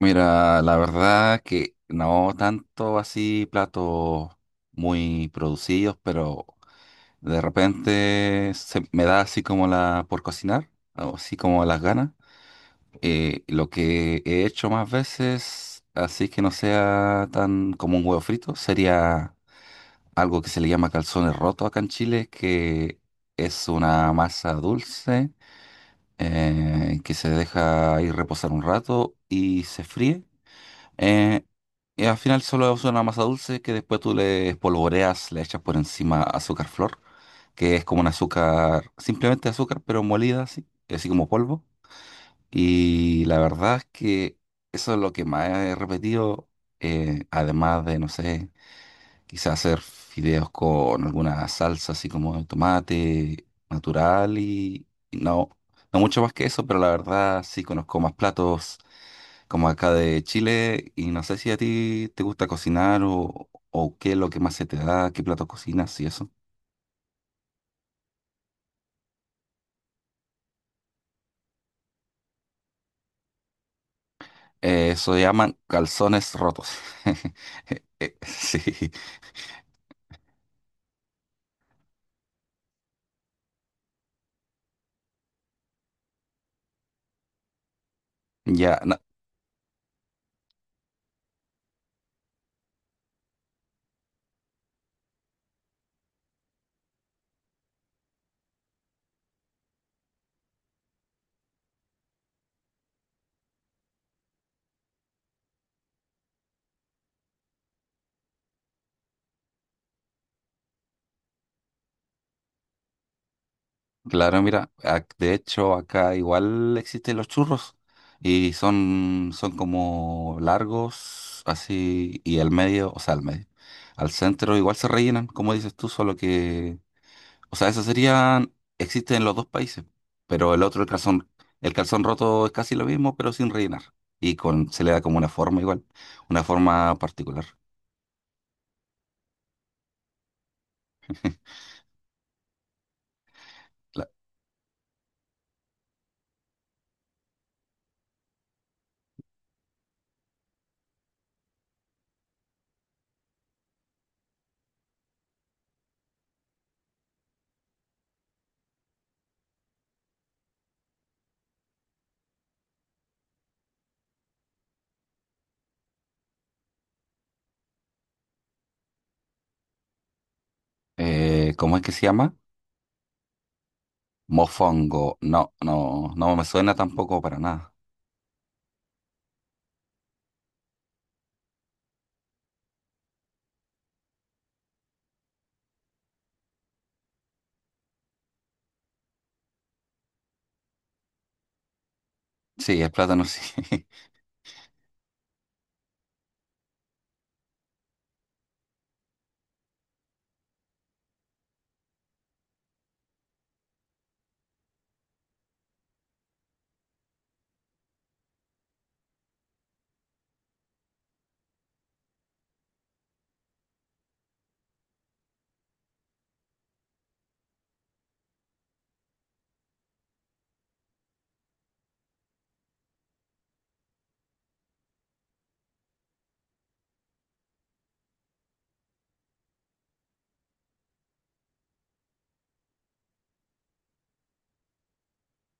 Mira, la verdad que no tanto así platos muy producidos, pero de repente se me da así como la por cocinar, o así como las ganas. Lo que he hecho más veces, así que no sea tan como un huevo frito, sería algo que se le llama calzones rotos acá en Chile, que es una masa dulce que se deja ir reposar un rato y se fríe. Eh, y al final solo es una masa dulce que después tú le espolvoreas, le echas por encima azúcar flor, que es como un azúcar, simplemente azúcar, pero molida así, así como polvo. Y la verdad es que eso es lo que más he repetido, además de, no sé, quizás hacer fideos con alguna salsa así como de tomate natural y no, no mucho más que eso, pero la verdad sí conozco más platos como acá de Chile, y no sé si a ti te gusta cocinar o qué es lo que más se te da, qué plato cocinas y eso. Eso se llaman calzones rotos. Sí, ya, no, claro, mira, de hecho acá igual existen los churros y son, son como largos, así, y al medio, o sea, al medio, al centro igual se rellenan, como dices tú, solo que o sea, eso serían, existen en los dos países, pero el otro, el calzón roto es casi lo mismo, pero sin rellenar. Y con, se le da como una forma igual, una forma particular. La- ¿Cómo es que se llama? Mofongo. No, no, no me suena tampoco para nada. Sí, el plátano sí.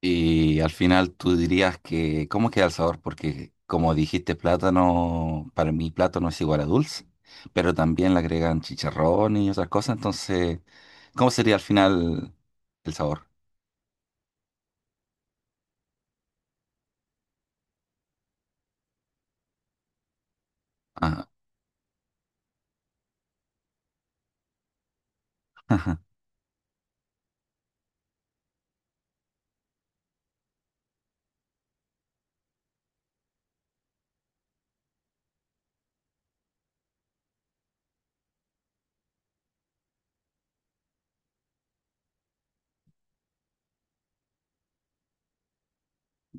Y al final tú dirías que, ¿cómo queda el sabor? Porque como dijiste, plátano, para mí plátano es igual a dulce, pero también le agregan chicharrón y otras cosas, entonces, ¿cómo sería al final el sabor? Ajá.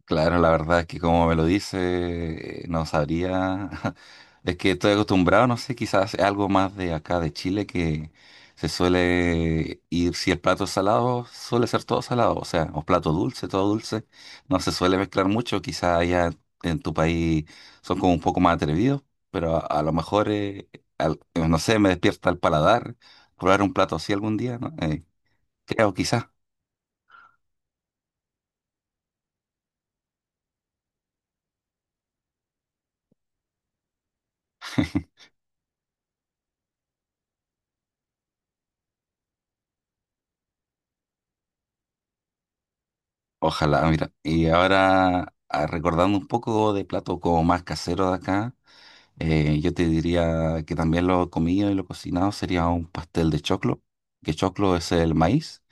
Claro, la verdad es que como me lo dice, no sabría. Es que estoy acostumbrado, no sé, quizás es algo más de acá de Chile que se suele ir, si el plato es salado, suele ser todo salado, o sea, o plato dulce, todo dulce, no se suele mezclar mucho, quizás allá en tu país son como un poco más atrevidos, pero a lo mejor, no sé, me despierta el paladar probar un plato así algún día, ¿no? Creo, quizás. Ojalá, mira. Y ahora, ah, recordando un poco de platos como más caseros de acá, yo te diría que también lo comido y lo cocinado sería un pastel de choclo, que choclo es el maíz,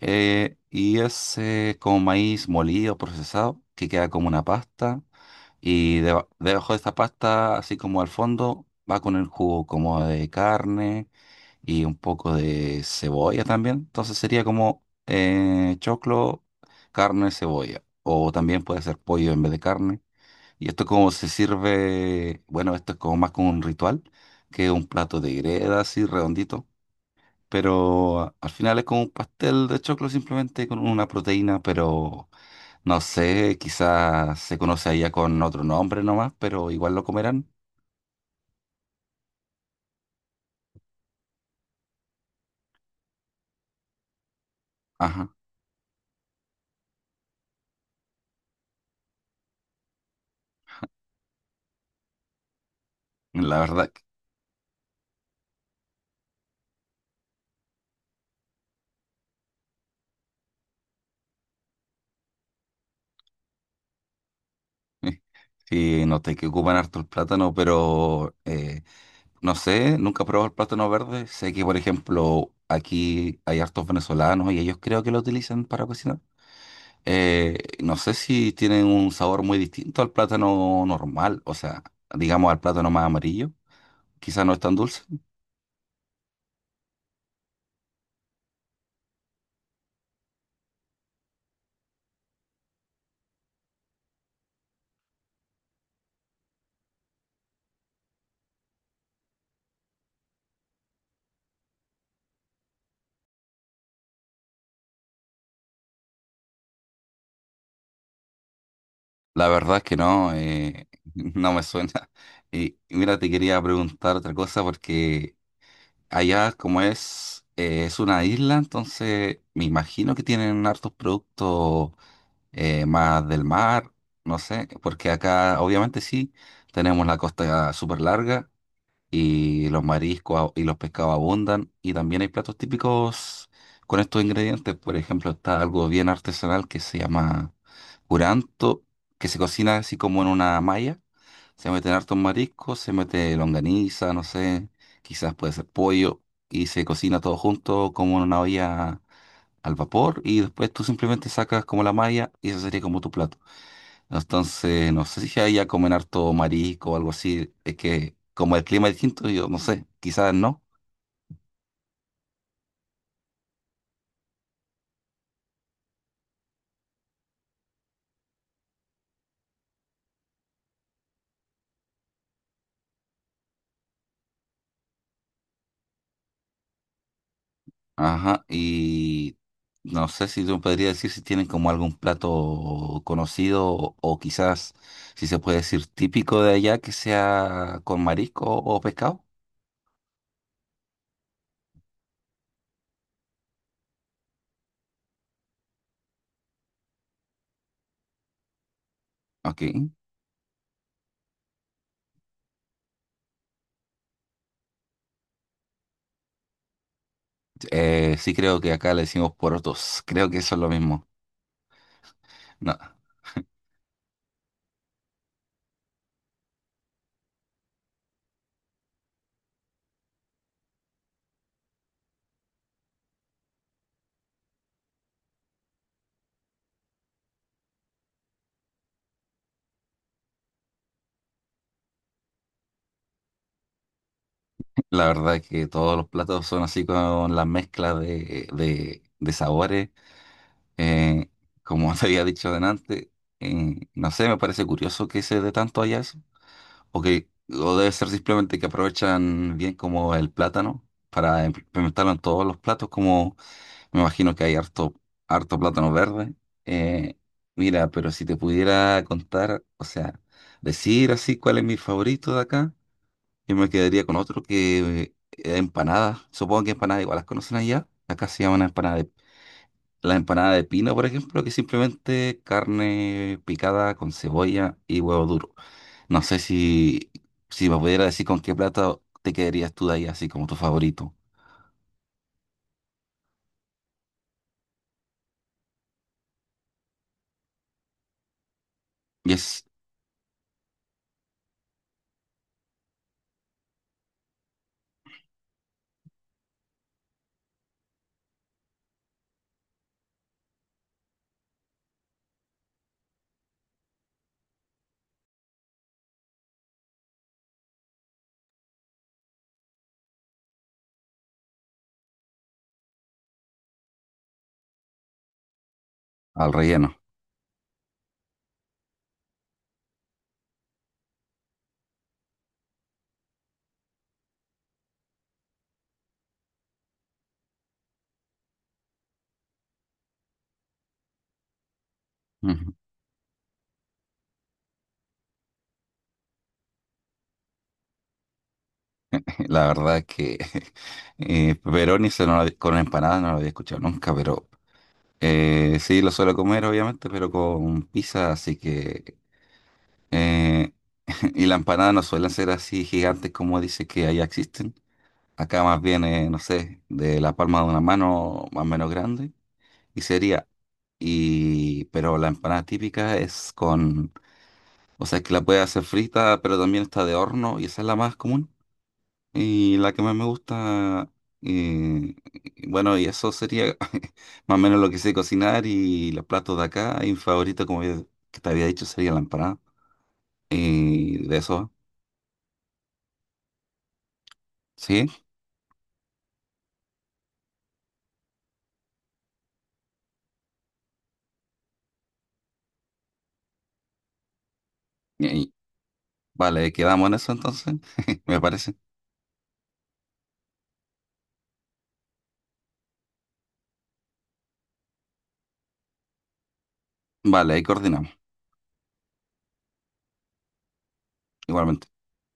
y es como maíz molido, procesado, que queda como una pasta, y debajo de esta pasta, así como al fondo, va con el jugo como de carne y un poco de cebolla también. Entonces sería como choclo, carne, cebolla. O también puede ser pollo en vez de carne. Y esto como se sirve, bueno, esto es como más como un ritual que un plato de greda así redondito. Pero al final es como un pastel de choclo simplemente con una proteína, pero no sé, quizás se conoce allá con otro nombre nomás, pero igual lo comerán. Ajá, la verdad. Sí, noté que ocupan harto el plátano, pero no sé, nunca he probado el plátano verde. Sé que, por ejemplo, aquí hay hartos venezolanos y ellos creo que lo utilizan para cocinar. No sé si tienen un sabor muy distinto al plátano normal, o sea, digamos al plátano más amarillo. Quizás no es tan dulce. La verdad es que no, no me suena. Y mira, te quería preguntar otra cosa porque allá, como es una isla, entonces me imagino que tienen hartos productos más del mar, no sé, porque acá obviamente sí, tenemos la costa súper larga y los mariscos y los pescados abundan y también hay platos típicos con estos ingredientes. Por ejemplo, está algo bien artesanal que se llama curanto, que se cocina así como en una malla se meten hartos mariscos, se mete longaniza, no sé, quizás puede ser pollo, y se cocina todo junto como en una olla al vapor, y después tú simplemente sacas como la malla y eso sería como tu plato. Entonces, no sé si ahí ya comen harto marisco o algo así, es que como el clima es distinto, yo no sé, quizás no. Ajá, y no sé si tú me podrías decir si tienen como algún plato conocido o quizás si se puede decir típico de allá que sea con marisco o pescado. Ok. Sí creo que acá le decimos porotos. Creo que eso es lo mismo. No, la verdad es que todos los platos son así con la mezcla de sabores. Eh, Como te había dicho delante, no sé, me parece curioso que se dé tanto allá eso. O que o debe ser simplemente que aprovechan bien como el plátano para implementarlo en todos los platos como me imagino que hay harto plátano verde. Eh, Mira, pero si te pudiera contar, o sea, decir así cuál es mi favorito de acá, yo me quedaría con otro que empanada. Supongo que empanadas igual las conocen allá. Acá se llaman empanada de, la empanada de pino, por ejemplo, que es simplemente carne picada con cebolla y huevo duro. No sé si, si me pudiera decir con qué plato te quedarías tú de ahí, así como tu favorito. Y es al relleno. La verdad que pepperoni se no lo con empanada no lo había escuchado nunca, pero sí lo suelo comer obviamente, pero con pizza, así que eh, y la empanada no suelen ser así gigantes como dice que allá existen. Acá más bien, no sé, de la palma de una mano más o menos grande y sería y pero la empanada típica es con, o sea, que la puede hacer frita, pero también está de horno y esa es la más común. Y la que más me gusta, eh, bueno, y eso sería más o menos lo que sé cocinar y los platos de acá. Y mi favorito, como que te había dicho, sería la empanada. Y de eso, ¿sí? Y- vale, quedamos en eso entonces, me parece. Vale, ahí coordinamos, igualmente.